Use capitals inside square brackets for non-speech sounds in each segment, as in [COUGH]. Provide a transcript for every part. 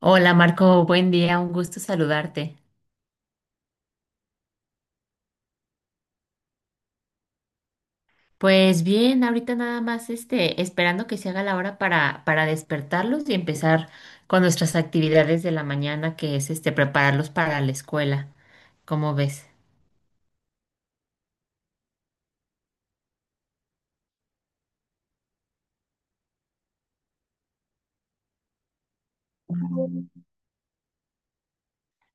Hola Marco, buen día, un gusto saludarte. Pues bien, ahorita nada más esperando que se haga la hora para despertarlos y empezar con nuestras actividades de la mañana, que es prepararlos para la escuela. ¿Cómo ves?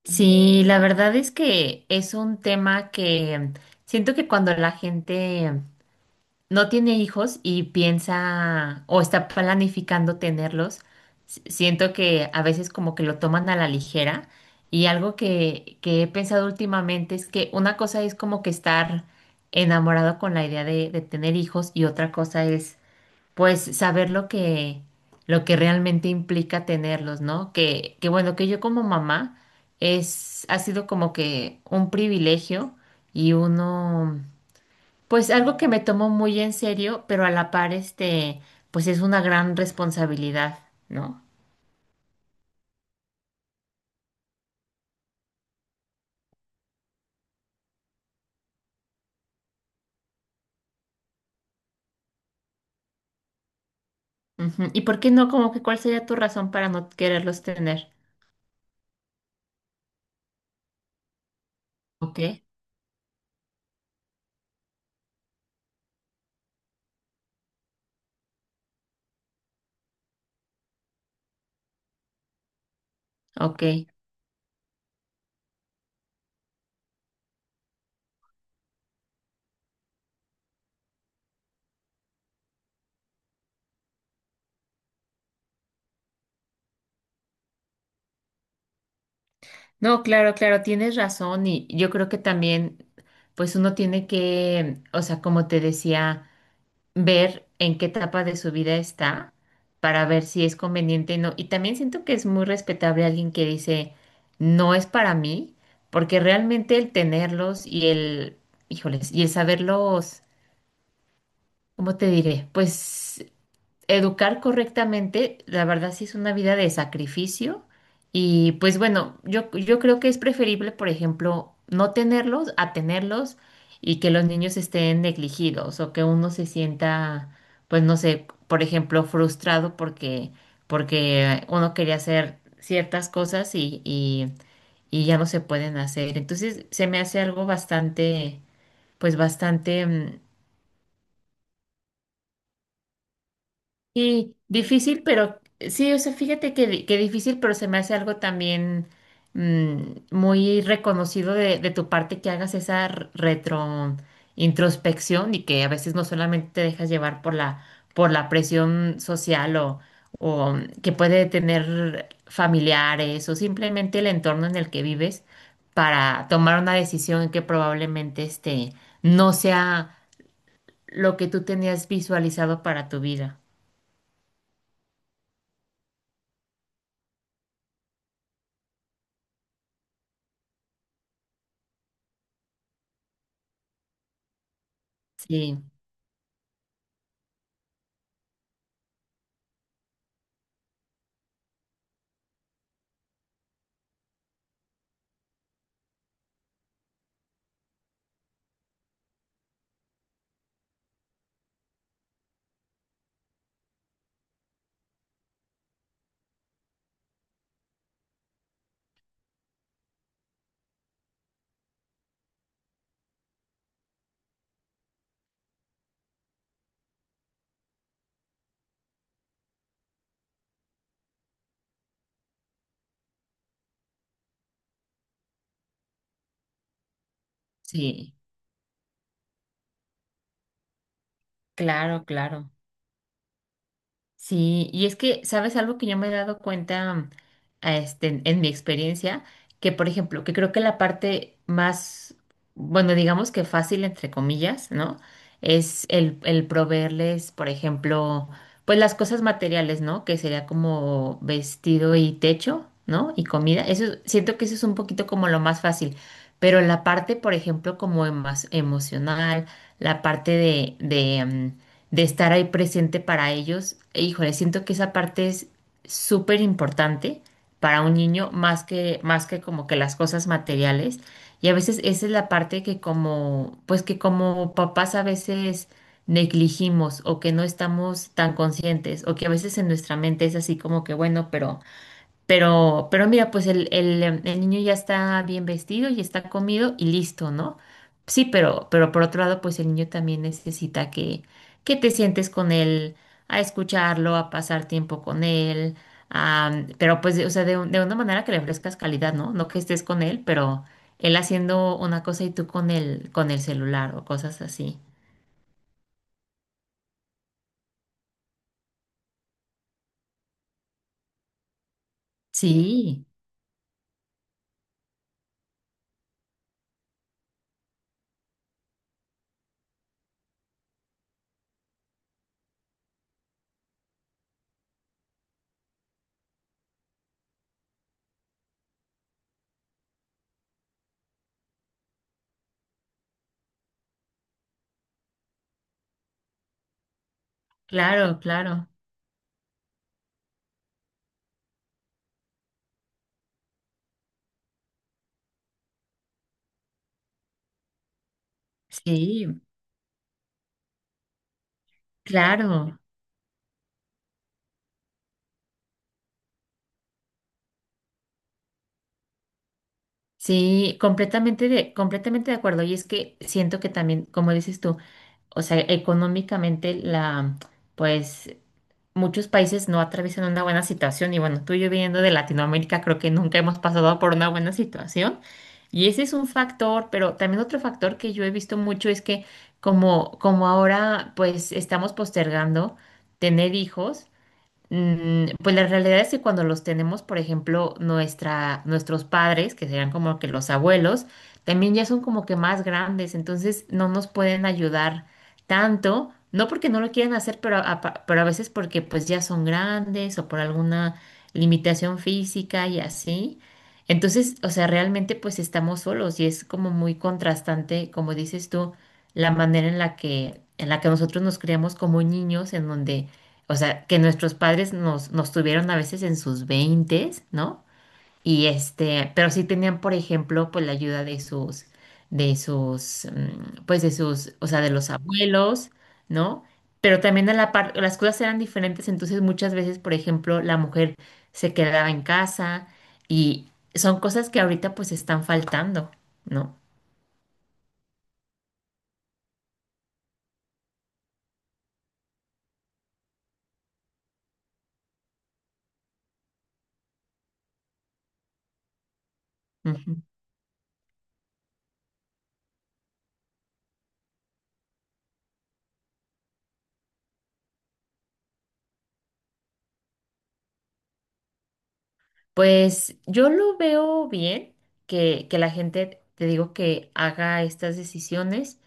Sí, la verdad es que es un tema que siento que cuando la gente no tiene hijos y piensa o está planificando tenerlos, siento que a veces como que lo toman a la ligera y algo que he pensado últimamente es que una cosa es como que estar enamorado con la idea de tener hijos y otra cosa es pues saber lo lo que realmente implica tenerlos, ¿no? Que bueno, que yo como mamá es, ha sido como que un privilegio y uno... Pues algo que me tomo muy en serio, pero a la par, pues es una gran responsabilidad, ¿no? Ujú. ¿Y por qué no? ¿Como que cuál sería tu razón para no quererlos tener? Ok, ok. No, claro, claro, tienes razón y yo creo que también, pues uno tiene que, o sea, como te decía, ver en qué etapa de su vida está para ver si es conveniente o no. Y también siento que es muy respetable alguien que dice, no es para mí, porque realmente el tenerlos y el, híjoles, y el saberlos, ¿cómo te diré? Pues educar correctamente, la verdad sí es una vida de sacrificio y pues bueno, yo creo que es preferible, por ejemplo, no tenerlos a tenerlos y que los niños estén negligidos o que uno se sienta, pues no sé, por ejemplo, frustrado porque uno quería hacer ciertas cosas y ya no se pueden hacer. Entonces se me hace algo bastante, pues bastante... Sí, difícil, pero sí, o sea, fíjate que, que difícil, pero se me hace algo también mm, muy reconocido de tu parte que hagas esa retro introspección y que a veces no solamente te dejas llevar por por la presión social o que puede tener familiares o simplemente el entorno en el que vives para tomar una decisión que probablemente no sea lo que tú tenías visualizado para tu vida. Sí. Sí, claro, claro. Sí, y es que, ¿sabes algo que yo me he dado cuenta a en mi experiencia? Que, por ejemplo, que creo que la parte más, bueno, digamos que fácil, entre comillas, ¿no? Es el proveerles, por ejemplo, pues las cosas materiales, ¿no? Que sería como vestido y techo, ¿no? Y comida. Eso, siento que eso es un poquito como lo más fácil. Pero la parte, por ejemplo, como emocional, la parte de estar ahí presente para ellos. E, híjole, siento que esa parte es súper importante para un niño, más más que como que las cosas materiales. Y a veces esa es la parte que como, pues que como papás a veces negligimos o que no estamos tan conscientes o que a veces en nuestra mente es así como que, bueno, pero mira, pues el niño ya está bien vestido y está comido y listo, ¿no? Sí, pero por otro lado, pues el niño también necesita que te sientes con él, a escucharlo, a pasar tiempo con él, a- pero pues, de- o sea, de, un- de una manera que le ofrezcas calidad, ¿no? No que estés con él, pero él haciendo una cosa y tú con con el celular o cosas así. Sí, claro, claro. Sí, claro. Sí, completamente de acuerdo. Y es que siento que también, como dices tú, o sea, económicamente pues muchos países no atraviesan una buena situación y bueno, tú y yo viniendo de Latinoamérica creo que nunca hemos pasado por una buena situación y ese es un factor, pero también otro factor que yo he visto mucho es que como ahora pues estamos postergando tener hijos. Pues la realidad es que cuando los tenemos, por ejemplo, nuestros padres, que serían como que los abuelos, también ya son como que más grandes, entonces no nos pueden ayudar tanto, no porque no lo quieran hacer, pero a veces porque pues ya son grandes o por alguna limitación física y así. Entonces, o sea, realmente pues estamos solos y es como muy contrastante, como dices tú, la manera en en la que nosotros nos criamos como niños, en donde o sea, que nuestros padres nos tuvieron a veces en sus veintes, ¿no? Y pero sí tenían, por ejemplo, pues la ayuda de sus, o sea, de los abuelos, ¿no? Pero también a la par, las cosas eran diferentes, entonces muchas veces, por ejemplo, la mujer se quedaba en casa y son cosas que ahorita pues están faltando, ¿no? Pues yo lo veo bien que la gente, te digo, que haga estas decisiones,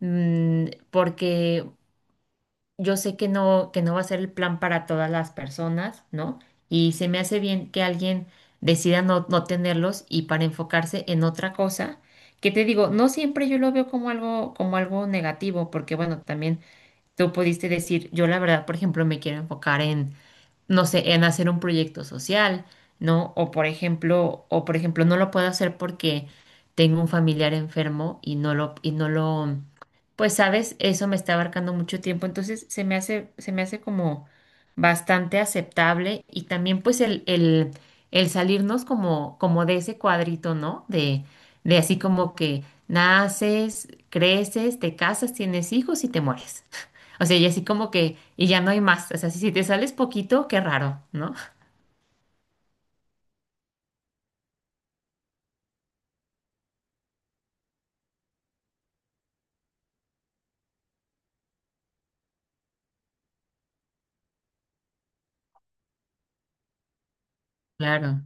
porque yo sé que no va a ser el plan para todas las personas, ¿no? Y se me hace bien que alguien decida no tenerlos y para enfocarse en otra cosa, que te digo, no siempre yo lo veo como algo negativo, porque bueno, también tú pudiste decir, yo la verdad, por ejemplo, me quiero enfocar en no sé, en hacer un proyecto social, ¿no? O por ejemplo, no lo puedo hacer porque tengo un familiar enfermo y no lo, pues sabes, eso me está abarcando mucho tiempo, entonces se me hace como bastante aceptable y también pues el salirnos como, como de ese cuadrito, ¿no? De así como que naces, creces, te casas, tienes hijos y te mueres. O sea, y así como que, y ya no hay más. O sea, si te sales poquito, qué raro, ¿no? Claro,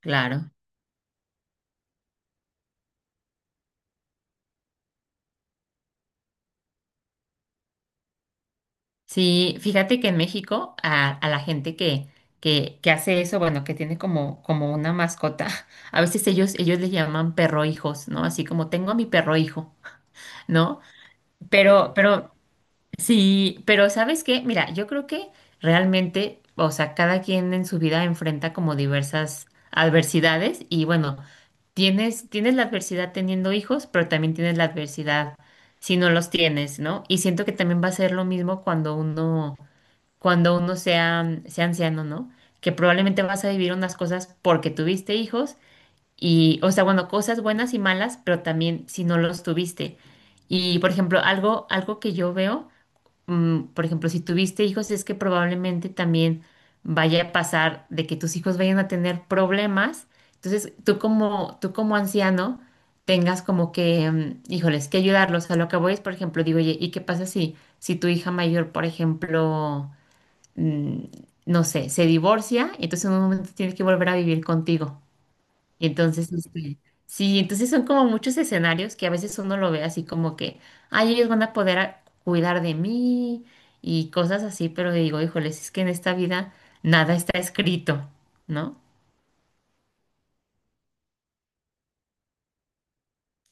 claro. Sí, fíjate que en México a la gente que hace eso, bueno, que tiene como, como una mascota, [LAUGHS] a veces ellos le llaman perro hijos, ¿no? Así como tengo a mi perro hijo, [LAUGHS] ¿no? Pero, pero, sí, pero ¿sabes qué? Mira, yo creo que realmente, o sea, cada quien en su vida enfrenta como diversas adversidades y bueno. Tienes la adversidad teniendo hijos, pero también tienes la adversidad si no los tienes, ¿no? Y siento que también va a ser lo mismo cuando uno sea, sea anciano, ¿no? Que probablemente vas a vivir unas cosas porque tuviste hijos y, o sea, bueno, cosas buenas y malas, pero también si no los tuviste. Y, por ejemplo, algo que yo veo por ejemplo, si tuviste hijos, es que probablemente también vaya a pasar de que tus hijos vayan a tener problemas. Entonces, tú como anciano, tengas como que, híjoles, que ayudarlos. A lo que voy es, por ejemplo, digo, oye, ¿y qué pasa si tu hija mayor, por ejemplo, mm, no sé, se divorcia, y entonces en un momento tiene que volver a vivir contigo? Entonces, sí, entonces son como muchos escenarios que a veces uno lo ve así como que, ay, ellos van a poder a- cuidar de mí y cosas así, pero digo, híjoles, es que en esta vida nada está escrito, ¿no?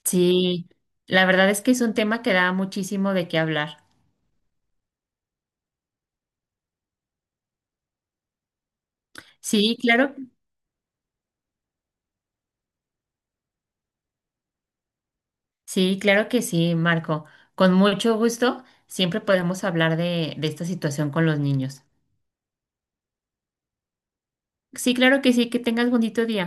Sí, la verdad es que es un tema que da muchísimo de qué hablar. Sí, claro, sí, claro que sí, Marco. Con mucho gusto, siempre podemos hablar de esta situación con los niños. Sí, claro que sí, que tengas bonito día.